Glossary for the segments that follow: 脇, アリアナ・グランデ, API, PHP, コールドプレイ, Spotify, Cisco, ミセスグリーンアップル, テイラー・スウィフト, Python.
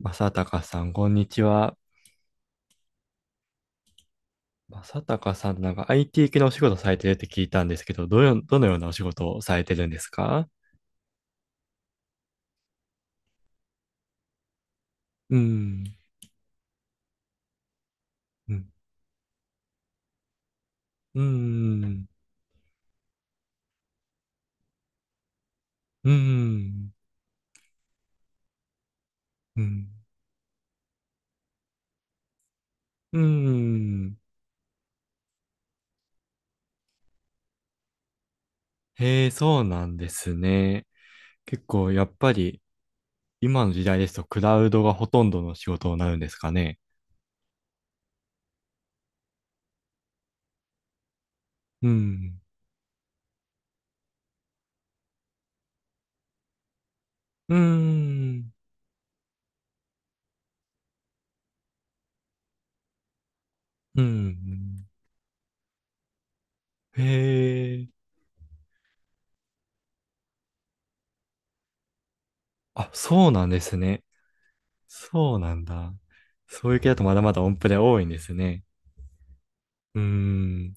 正隆さん、こんにちは。正隆さん、なんか IT 系のお仕事されてるって聞いたんですけど、どのようなお仕事をされてるんですか？うーん。うん。うーん。うーん。うん。うーん。へえ、そうなんですね。結構、やっぱり、今の時代ですと、クラウドがほとんどの仕事になるんですかね？うん。うーん。うん。へえ、あ、そうなんですね。そうなんだ。そういう系だとまだまだ音符で多いんですね。うーん。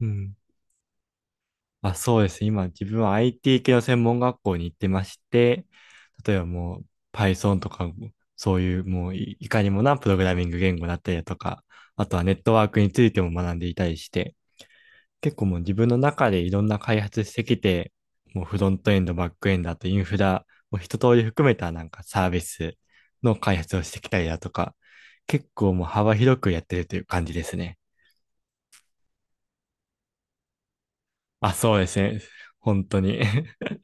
うん。あ、そうです。今、自分は IT 系の専門学校に行ってまして、例えばもう Python とか、そういうもういいかにもなプログラミング言語だったりだとか、あとはネットワークについても学んでいたりして、結構もう自分の中でいろんな開発してきて、もうフロントエンド、バックエンド、あとインフラを一通り含めたなんかサービスの開発をしてきたりだとか、結構もう幅広くやってるという感じですね。あ、そうですね。本当に。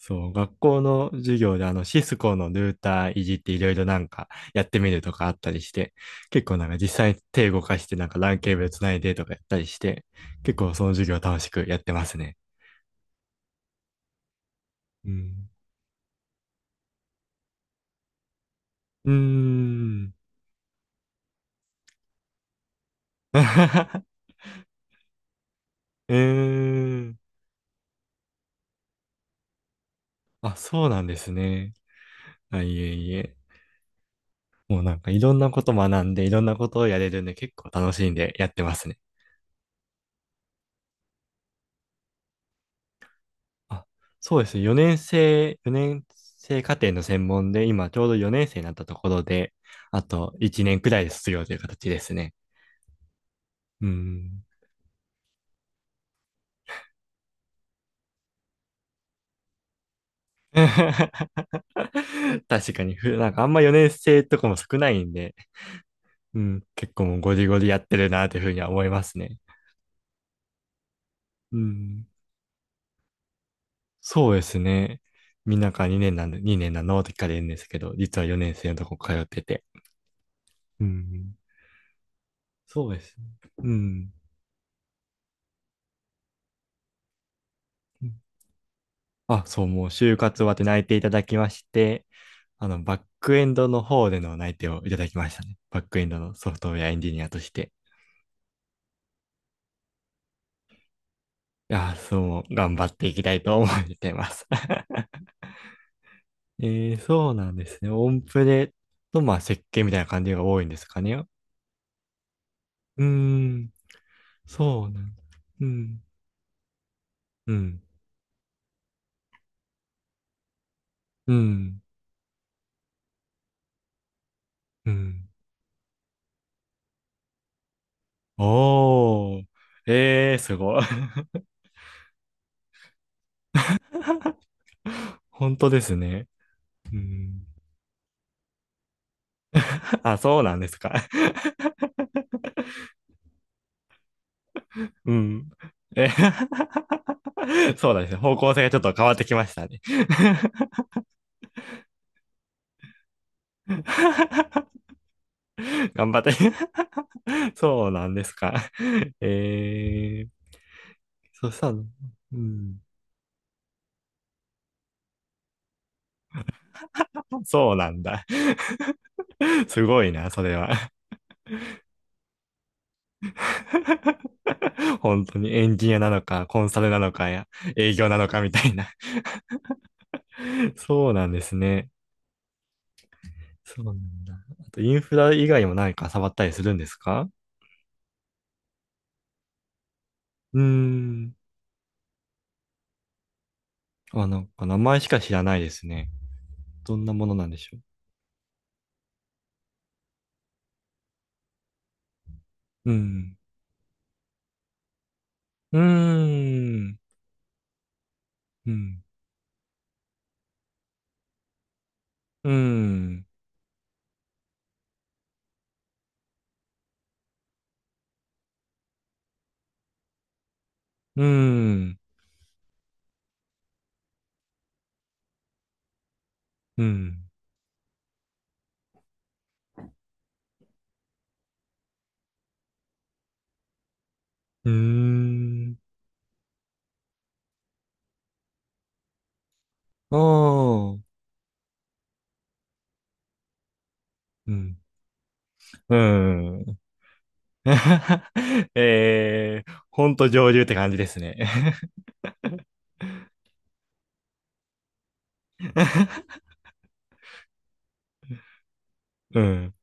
そう、学校の授業であのシスコのルーターいじっていろいろなんかやってみるとかあったりして、結構なんか実際に手動かしてなんかランケーブルつないでとかやったりして、結構その授業楽しくやってますね。うん。うーん。うーん。あ、そうなんですね。あ、いえいえ。もうなんかいろんなこと学んでいろんなことをやれるんで結構楽しんでやってますね。あ、そうですね。4年生、4年生課程の専門で今ちょうど4年生になったところで、あと1年くらいで卒業という形ですね。うん。確かになんかあんま4年生とかも少ないんで、うん、結構もうゴリゴリやってるなというふうには思いますね。うん。そうですね。みんなか2年なんで、2年なのって聞かれるんですけど、実は4年生のとこ通ってて。うん。そうですね。うん。あ、そう、もう就活終わって内定いただきまして、あの、バックエンドの方での内定をいただきましたね。バックエンドのソフトウェアエンジニアとして。いやー、そう、頑張っていきたいと思ってます。えー、そうなんですね。オンプレと、まあ、設計みたいな感じが多いんですかね？うーん、そうなんだ。うん。うん。うん。うん。おー。えー、すごい。本当ですね。うん。あ、そうなんですか？うん。え そうなんですね。方向性がちょっと変わってきましたね。頑張って。そうなんですか？えー、そしたら、うん、そうなんだ。すごいな、それは。本当にエンジニアなのか、コンサルなのかや、営業なのかみたいな。そうなんですね。そうなんだ。あと、インフラ以外も何か触ったりするんですか？うーん。あ、なんか名前しか知らないですね。どんなものなんでしょう？うん。うーん。うん。うーん。うーん。うん。うーん。おー。うん。うん。えー、ほんと上流って感じですね。うん。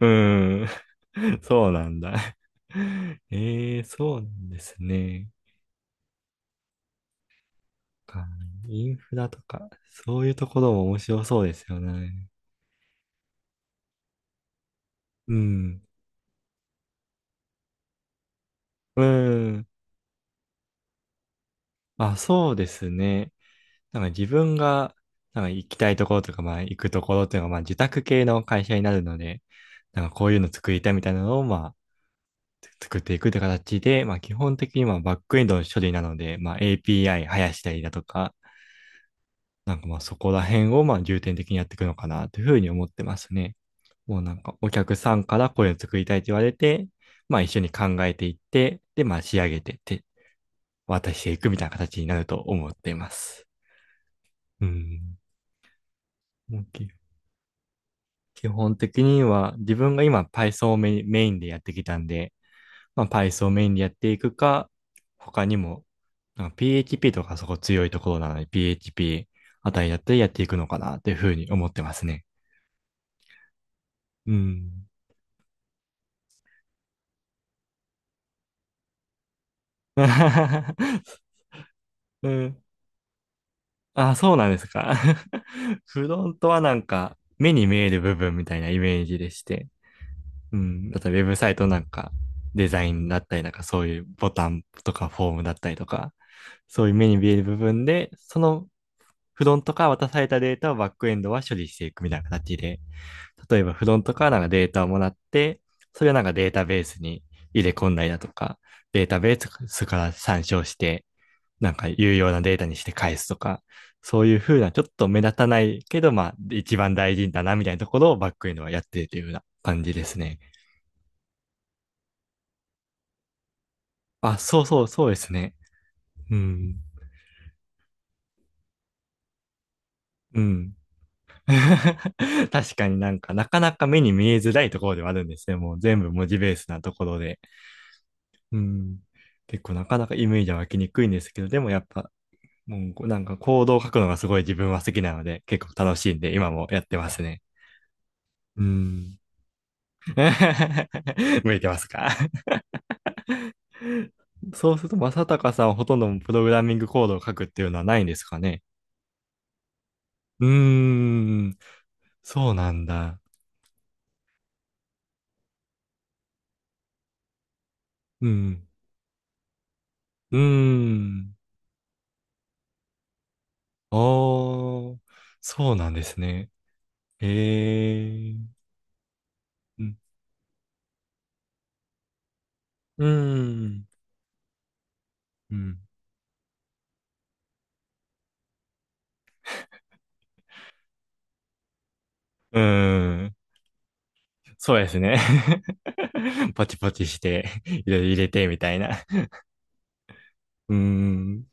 うん。そうなんだ。ええ、そうなんですね。かインフラとか、そういうところも面白そうですよね。うん。うん。あ、そうですね。なんか自分が、なんか行きたいところとか、まあ行くところっていうのが、まあ受託系の会社になるので、なんかこういうの作りたいみたいなのを、まあ、作っていくって形で、まあ基本的にまあバックエンドの処理なので、まあ API 生やしたりだとか、なんかまあそこら辺をまあ重点的にやっていくのかなというふうに思ってますね。もうなんかお客さんからこういうの作りたいと言われて、まあ一緒に考えていって、でまあ仕上げてって渡していくみたいな形になると思っています。うん。もう基本的には自分が今 Python をメインでやってきたんで、まあ Python をメインでやっていくか、他にもなんか PHP とかそこ強いところなので PHP あたりだったらやっていくのかなというふうに思ってますね。うん。うん。あ、そうなんですか？フロントはなんか、目に見える部分みたいなイメージでして。うん。あと、ウェブサイトなんか、デザインだったりなんか、そういうボタンとかフォームだったりとか、そういう目に見える部分で、そのフロントから渡されたデータをバックエンドは処理していくみたいな形で、例えばフロントからなんかデータをもらって、それをなんかデータベースに入れ込んだりだとか、データベースから参照して、なんか有用なデータにして返すとか、そういうふうな、ちょっと目立たないけど、まあ、一番大事だな、みたいなところをバックエンドはやってるというような感じですね。あ、そうそう、そうですね。うん。うん。確かになんか、なかなか目に見えづらいところではあるんですね。もう全部文字ベースなところで。うん。結構なかなかイメージは湧きにくいんですけど、でもやっぱ、もうなんか行動を書くのがすごい自分は好きなので、結構楽しいんで、今もやってますね。うん。向いてますか？そうすると、正隆さんはほとんどプログラミングコードを書くっていうのはないんですかね？うーん、そうなんだ。うん、うーん。おー、そうなんですね。えー、うん、うーん、うん、うーん、そうですね。ポチポチして、いろいろ入れて、みたいな。うーん、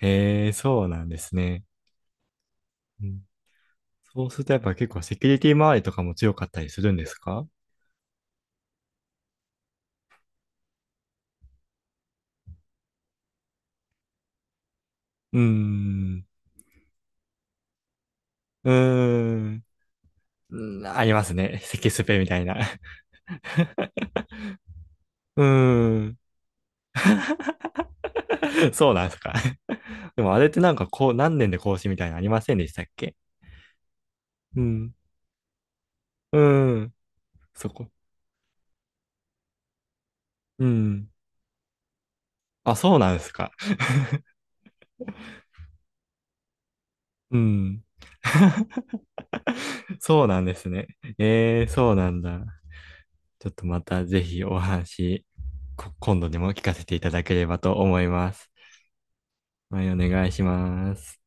えー、そうなんですね。うん、そうするとやっぱ結構セキュリティ周りとかも強かったりするんですか？うーん。うーん。うん、ありますね。咳スペみたいな。うーん。そうなんですか？でもあれってなんかこう、何年で更新みたいなのありませんでしたっけ？うん。うーん。そこ。うん。あ、そうなんですか？うん。そうなんですね。えー、そうなんだ。ちょっとまたぜひお話、今度でも聞かせていただければと思います。はい、お願いします。